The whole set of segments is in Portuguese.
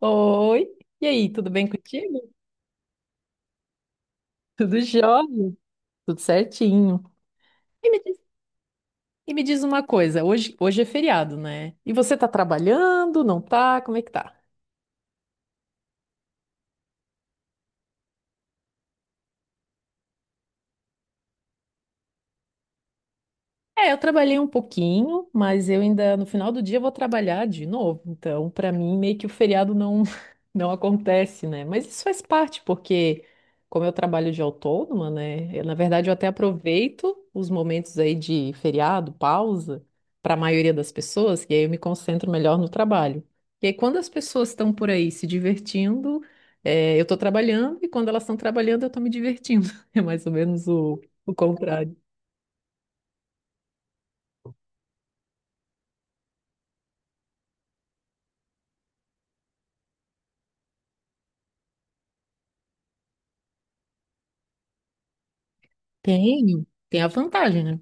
Oi, e aí, tudo bem contigo? Tudo jóia, tudo certinho. E me diz, e me diz uma coisa, hoje é feriado, né? E você tá trabalhando, não tá? Como é que tá? É, eu trabalhei um pouquinho, mas eu ainda no final do dia eu vou trabalhar de novo. Então, para mim, meio que o feriado não não acontece, né? Mas isso faz parte, porque como eu trabalho de autônoma, né? eu, na verdade, eu até aproveito os momentos aí de feriado, pausa, para a maioria das pessoas, e aí eu me concentro melhor no trabalho. E aí, quando as pessoas estão por aí se divertindo, eu estou trabalhando, e quando elas estão trabalhando, eu estou me divertindo. É mais ou menos o contrário. Tem, tem a vantagem, né?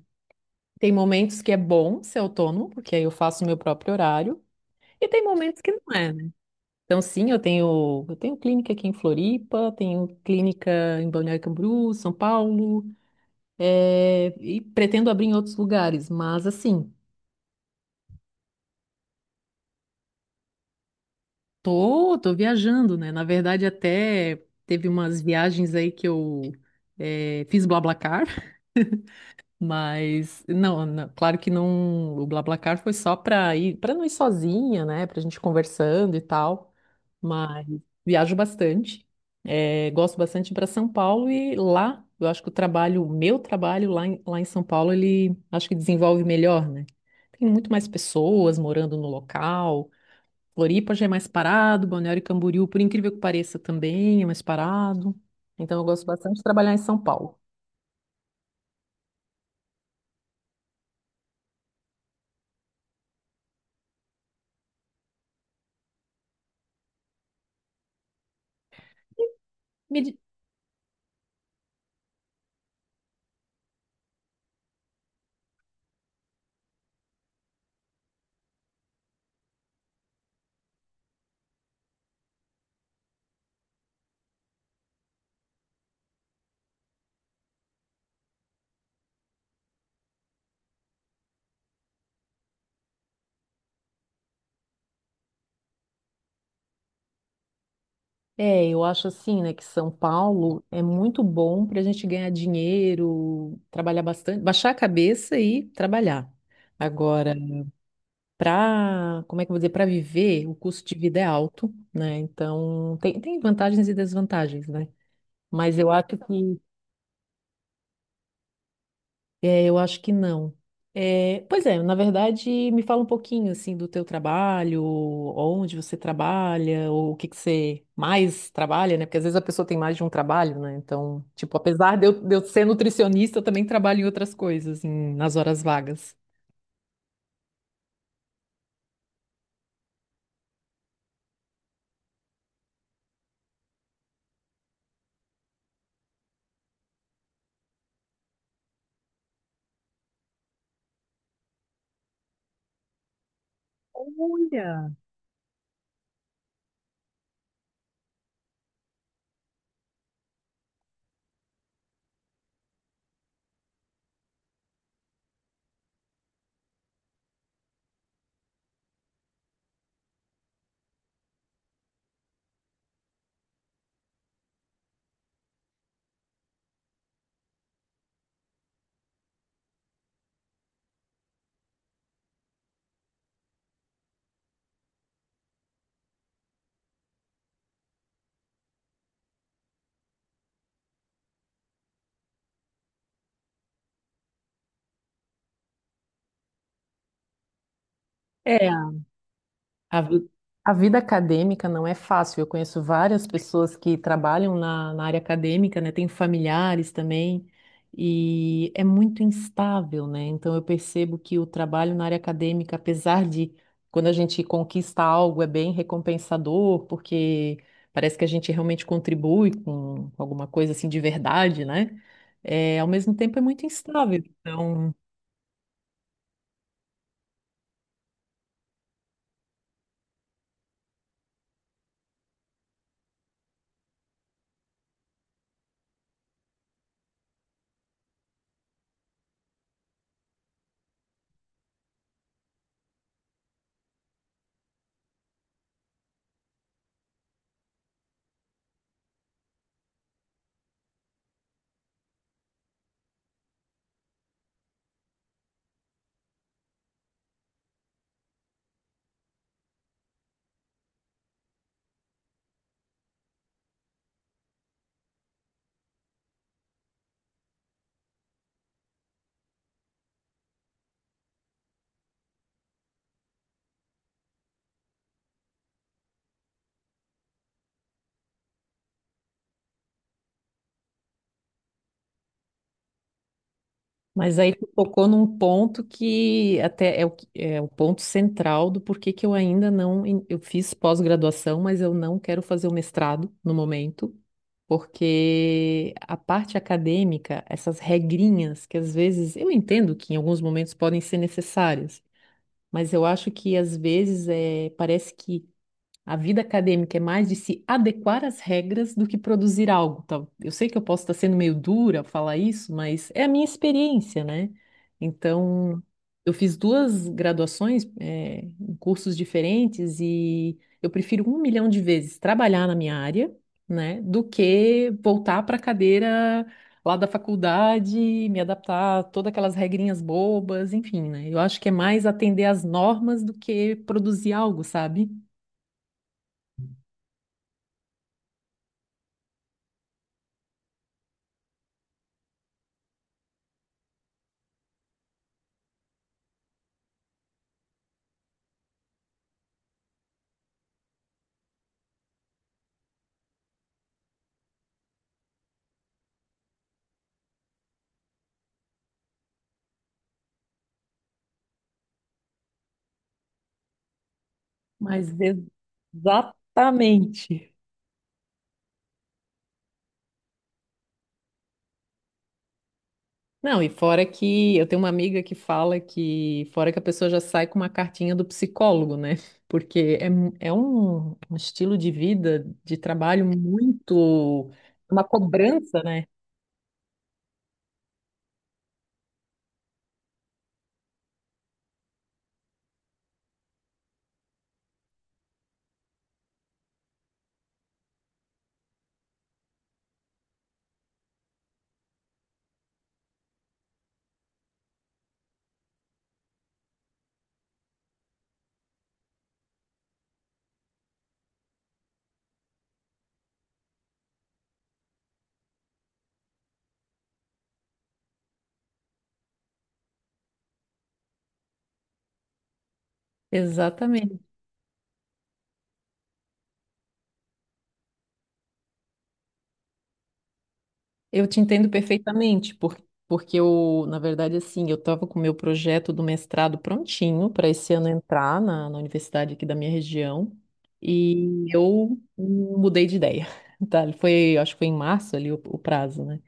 Tem momentos que é bom ser autônomo, porque aí eu faço o meu próprio horário, e tem momentos que não é, né? Então, sim, eu tenho clínica aqui em Floripa, tenho clínica em Balneário Camboriú, São Paulo, e pretendo abrir em outros lugares, mas assim, tô viajando, né? Na verdade, até teve umas viagens aí que eu fiz BlaBlaCar. Mas não, não, claro que não, o BlaBlaCar foi só para ir, para não ir sozinha, né, pra gente conversando e tal. Mas viajo bastante. Gosto bastante para São Paulo e lá, eu acho que o trabalho, o meu trabalho lá em São Paulo, ele acho que desenvolve melhor, né? Tem muito mais pessoas morando no local. Floripa já é mais parado, Balneário Camboriú, por incrível que pareça, também é mais parado. Então eu gosto bastante de trabalhar em São Paulo. É, eu acho assim, né, que São Paulo é muito bom para a gente ganhar dinheiro, trabalhar bastante, baixar a cabeça e trabalhar. Agora, para, como é que eu vou dizer, para viver, o custo de vida é alto, né? Então, tem, tem vantagens e desvantagens, né? Mas eu acho que… É, eu acho que não. É, pois é, na verdade, me fala um pouquinho assim do teu trabalho, onde você trabalha, ou o que que você mais trabalha, né? Porque às vezes a pessoa tem mais de um trabalho, né? Então, tipo, apesar de eu ser nutricionista, eu também trabalho em outras coisas, em- nas horas vagas. Olha, é, a, vi- a vida acadêmica não é fácil. Eu conheço várias pessoas que trabalham na, na área acadêmica, né? Tenho familiares também, e é muito instável, né? Então eu percebo que o trabalho na área acadêmica, apesar de quando a gente conquista algo, é bem recompensador, porque parece que a gente realmente contribui com alguma coisa assim de verdade, né? É, ao mesmo tempo é muito instável. Então. Mas aí tu tocou num ponto que até é o, que- é o ponto central do porquê que eu ainda não. en- Eu fiz pós-graduação, mas eu não quero fazer o mestrado no momento, porque a parte acadêmica, essas regrinhas que às vezes eu entendo que em alguns momentos podem ser necessárias, mas eu acho que às vezes parece que a vida acadêmica é mais de se adequar às regras do que produzir algo. Tá? Eu sei que eu posso estar sendo meio dura ao falar isso, mas é a minha experiência, né? Então, eu fiz duas graduações, em cursos diferentes e eu prefiro um milhão de vezes trabalhar na minha área, né, do que voltar para a cadeira lá da faculdade, me adaptar a todas aquelas regrinhas bobas, enfim, né? Eu acho que é mais atender às normas do que produzir algo, sabe? Mas exatamente. Não, e fora que eu tenho uma amiga que fala que, fora que a pessoa já sai com uma cartinha do psicólogo, né? Porque é, mu- é um estilo de vida, de trabalho muito, uma cobrança, né? Exatamente. Eu te entendo perfeitamente, por- porque eu, na verdade, assim, eu estava com o meu projeto do mestrado prontinho para esse ano entrar na, na universidade aqui da minha região e eu mudei de ideia, tá? Foi, acho que foi em março ali o prazo, né?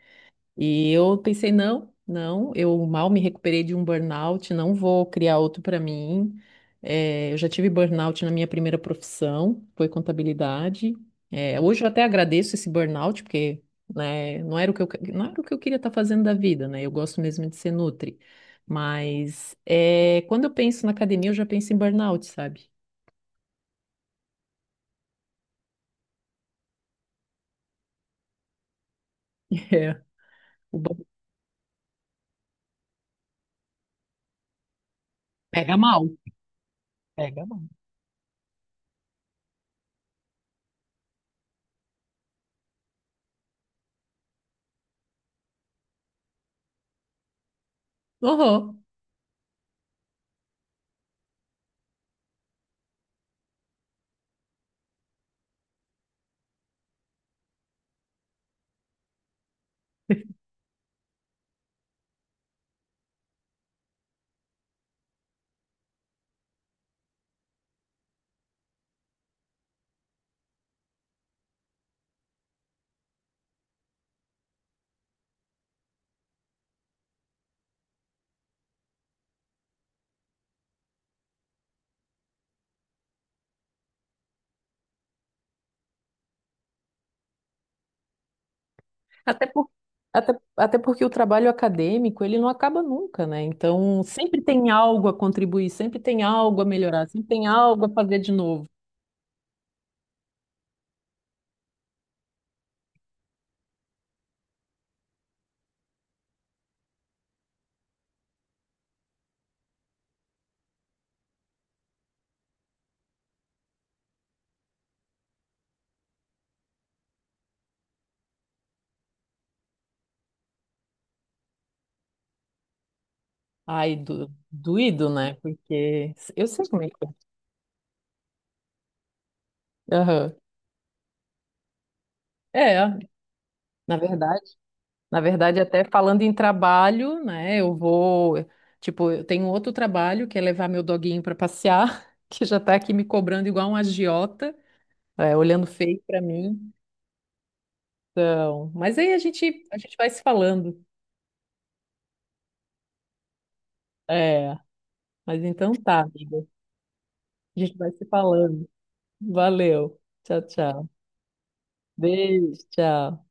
E eu pensei, não, não, eu mal me recuperei de um burnout, não vou criar outro para mim. Eu já tive burnout na minha primeira profissão, foi contabilidade. Hoje eu até agradeço esse burnout, porque, né, não era o que eu, que- não era o que eu queria estar fazendo da vida, né? Eu gosto mesmo de ser nutri. Mas quando eu penso na academia, eu já penso em burnout, sabe? É, o bur- Pega mal. Pega mal. Uhum. Até por, até até porque o trabalho acadêmico, ele não acaba nunca, né? Então, sempre tem algo a contribuir, sempre tem algo a melhorar, sempre tem algo a fazer de novo. Ai, do, doído, né? Porque eu sei como é que é. Aham. É, na verdade, até falando em trabalho, né? Eu vou, tipo, eu tenho outro trabalho que é levar meu doguinho para passear, que já tá aqui me cobrando igual um agiota, é, olhando feio para mim. Então, mas aí a gente vai se falando. É, mas então tá, amiga. A gente vai se falando. Valeu. Tchau, tchau. Beijo, tchau.